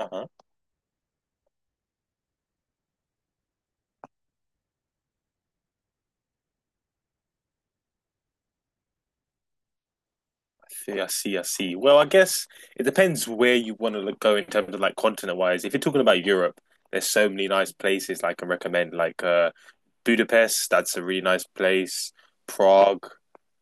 Uh-huh. I see, I see, I see. Well, I guess it depends where you want to go in terms of like continent wise. If you're talking about Europe, there's so many nice places like, I can recommend. Like Budapest, that's a really nice place. Prague,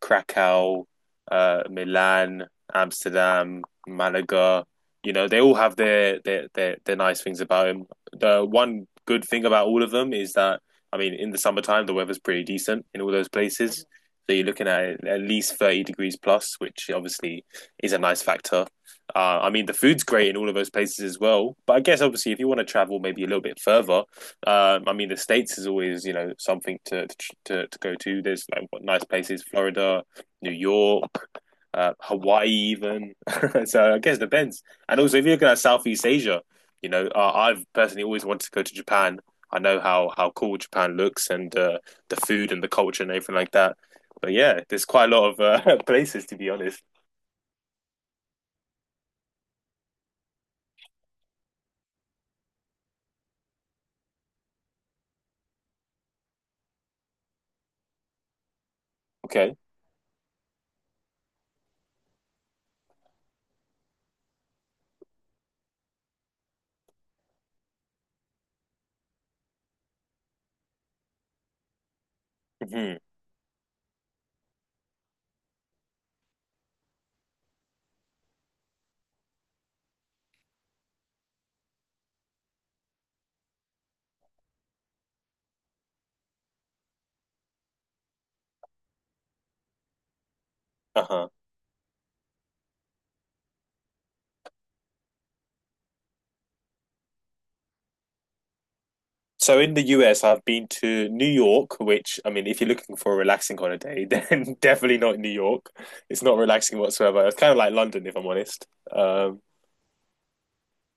Krakow, Milan, Amsterdam, Malaga. You know, they all have their nice things about them. The one good thing about all of them is that I mean, in the summertime, the weather's pretty decent in all those places. So you're looking at least 30 degrees plus, which obviously is a nice factor. I mean, the food's great in all of those places as well. But I guess, obviously, if you want to travel maybe a little bit further, I mean, the states is always something to go to. There's like what nice places: Florida, New York, Hawaii, even. So I guess it depends. And also, if you're looking at like, Southeast Asia, I've personally always wanted to go to Japan. I know how cool Japan looks and the food and the culture and everything like that. But yeah, there's quite a lot of places to be honest. Okay. Hmm. Uh-huh. So in the US, I've been to New York, which I mean, if you're looking for a relaxing holiday, then definitely not New York. It's not relaxing whatsoever. It's kind of like London, if I'm honest. Um,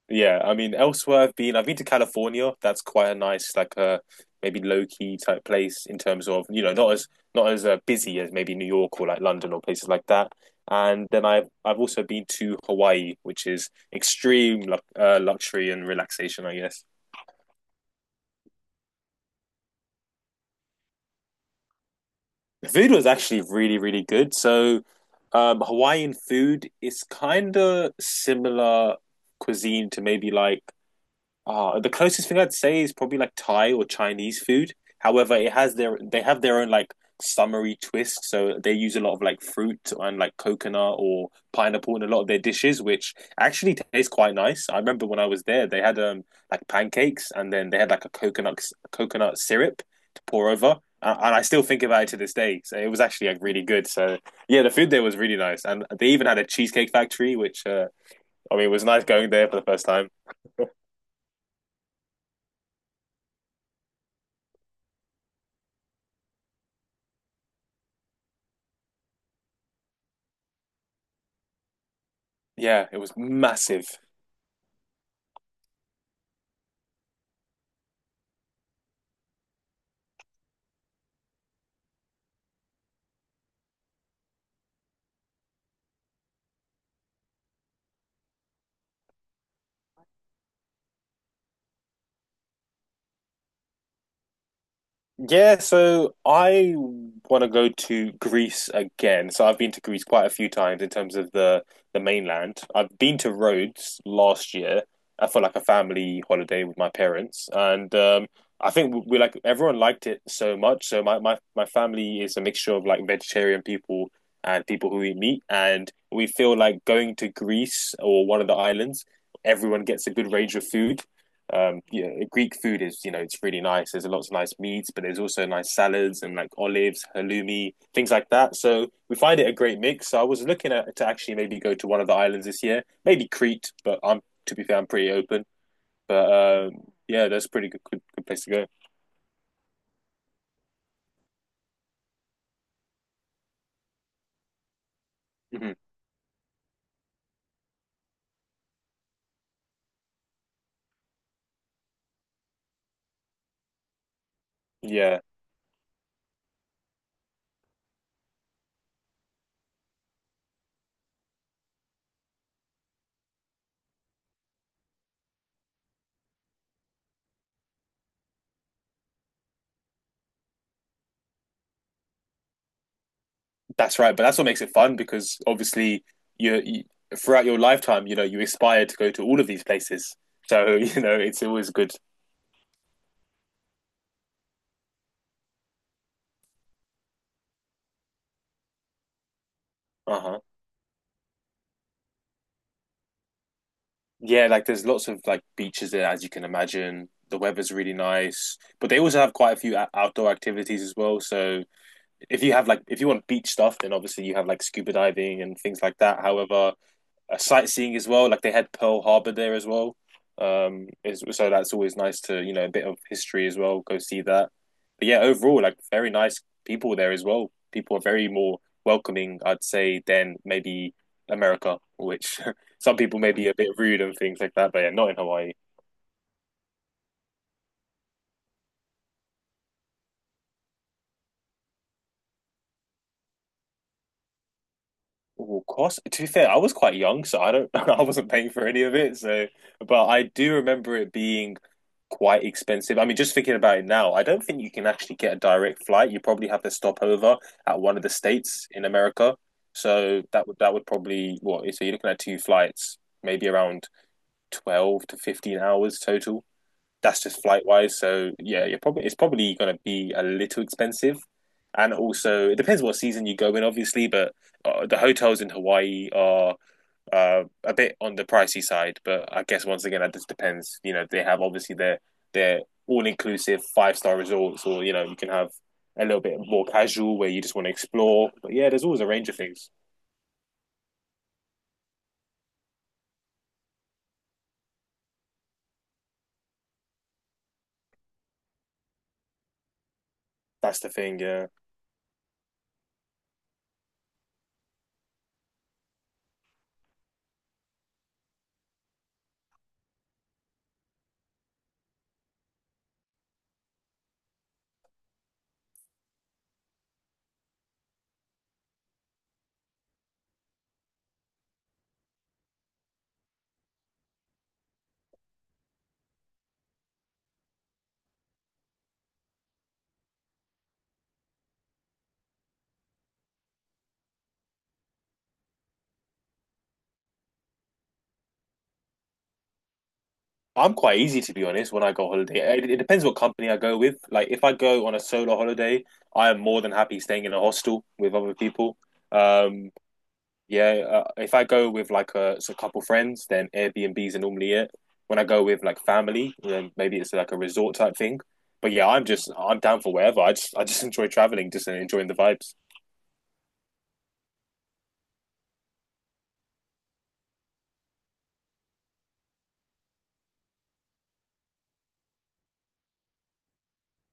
yeah, I mean, elsewhere I've been to California. That's quite a nice, like a maybe low key type place in terms of, you know, not as not as busy as maybe New York or like London or places like that. And then I've also been to Hawaii, which is extreme lu luxury and relaxation, I guess. The food was actually really, really good. So, Hawaiian food is kind of similar cuisine to maybe like the closest thing I'd say is probably like Thai or Chinese food. However, it has their they have their own like summery twist, so they use a lot of like fruit and like coconut or pineapple in a lot of their dishes, which actually tastes quite nice. I remember when I was there, they had like pancakes and then they had like a coconut syrup to pour over. And I still think about it to this day. So it was actually like really good. So yeah, the food there was really nice, and they even had a cheesecake factory, which I mean it was nice going there for the first time. Yeah, it was massive. Yeah, so I want to go to Greece again. So I've been to Greece quite a few times in terms of the mainland. I've been to Rhodes last year for like a family holiday with my parents, and I think we like everyone liked it so much. So my family is a mixture of like vegetarian people and people who eat meat, and we feel like going to Greece or one of the islands, everyone gets a good range of food. You know, Greek food is it's really nice. There's lots of nice meats, but there's also nice salads and like olives, halloumi, things like that. So we find it a great mix. So I was looking at to actually maybe go to one of the islands this year, maybe Crete, but I'm to be fair, I'm pretty open. But yeah, that's a pretty good place to go. Hmm. Yeah, that's right. But that's what makes it fun because obviously you throughout your lifetime, you aspire to go to all of these places. So it's always good. Uh huh. Yeah, like there's lots of like beaches there, as you can imagine. The weather's really nice, but they also have quite a few outdoor activities as well. So if you want beach stuff, then obviously you have like scuba diving and things like that. However, sightseeing as well. Like they had Pearl Harbor there as well. Um, so that's always nice to a bit of history as well. Go see that. But yeah, overall, like very nice people there as well. People are very more welcoming, I'd say, than maybe America, which some people may be a bit rude and things like that. But yeah, not in Hawaii. Well, cost. To be fair, I was quite young, so I don't. I wasn't paying for any of it. So, but I do remember it being quite expensive. I mean, just thinking about it now, I don't think you can actually get a direct flight. You probably have to stop over at one of the states in America. So that would probably what? So you're looking at two flights, maybe around 12 to 15 hours total. That's just flight wise. So yeah, you're probably it's probably going to be a little expensive, and also it depends what season you go in, obviously. But the hotels in Hawaii are a bit on the pricey side. But I guess once again, that just depends. You know, they have obviously their all inclusive five-star resorts, or you can have a little bit more casual where you just want to explore. But yeah, there's always a range of things. That's the thing. Yeah. I'm quite easy to be honest when I go holiday. It depends what company I go with. Like if I go on a solo holiday, I am more than happy staying in a hostel with other people. Um, yeah, if I go with like a couple friends, then Airbnbs are normally it. When I go with like family, then maybe it's like a resort type thing. But yeah, I'm down for wherever. I just enjoy traveling, just enjoying the vibes.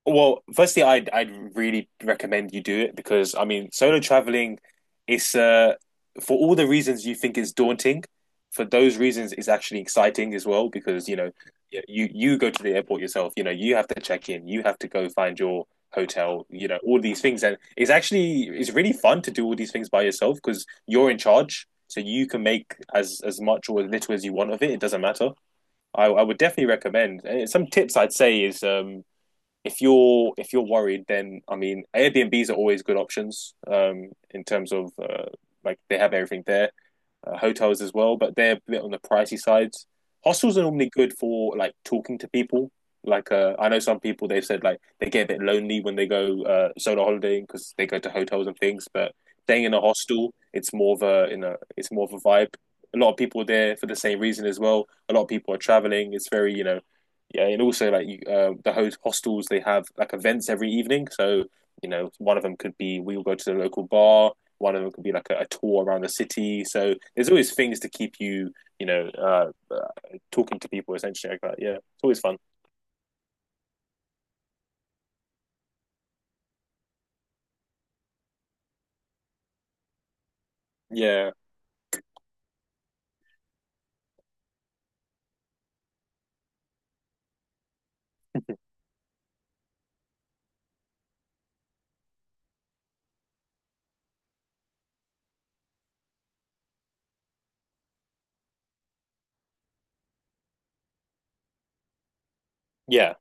Well, firstly, I'd really recommend you do it because I mean, solo traveling, it's for all the reasons you think is daunting, for those reasons it's actually exciting as well because you know you go to the airport yourself, you know you have to check in, you have to go find your hotel, you know all these things, and it's actually it's really fun to do all these things by yourself because you're in charge, so you can make as much or as little as you want of it. It doesn't matter. I would definitely recommend. Some tips I'd say is if you're worried, then I mean Airbnbs are always good options in terms of like they have everything there hotels as well, but they're a bit on the pricey sides. Hostels are normally good for like talking to people. Like I know some people they've said like they get a bit lonely when they go solo holidaying because they go to hotels and things, but staying in a hostel, it's more of a vibe. A lot of people are there for the same reason as well. A lot of people are traveling. It's very yeah, and also like you, the hostels they have like events every evening. So one of them could be we will go to the local bar. One of them could be like a tour around the city. So there's always things to keep you, you know, uh, uh, talking to people essentially like that. Yeah, it's always fun. Yeah, yeah,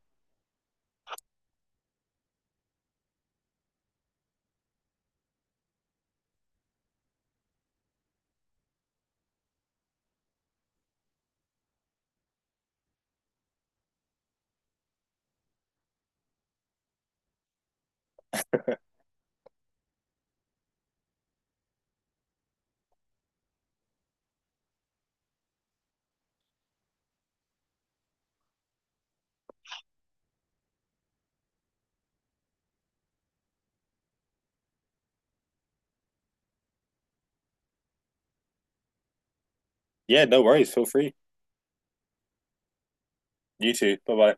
yeah. No worries. Feel free. You too. Bye bye.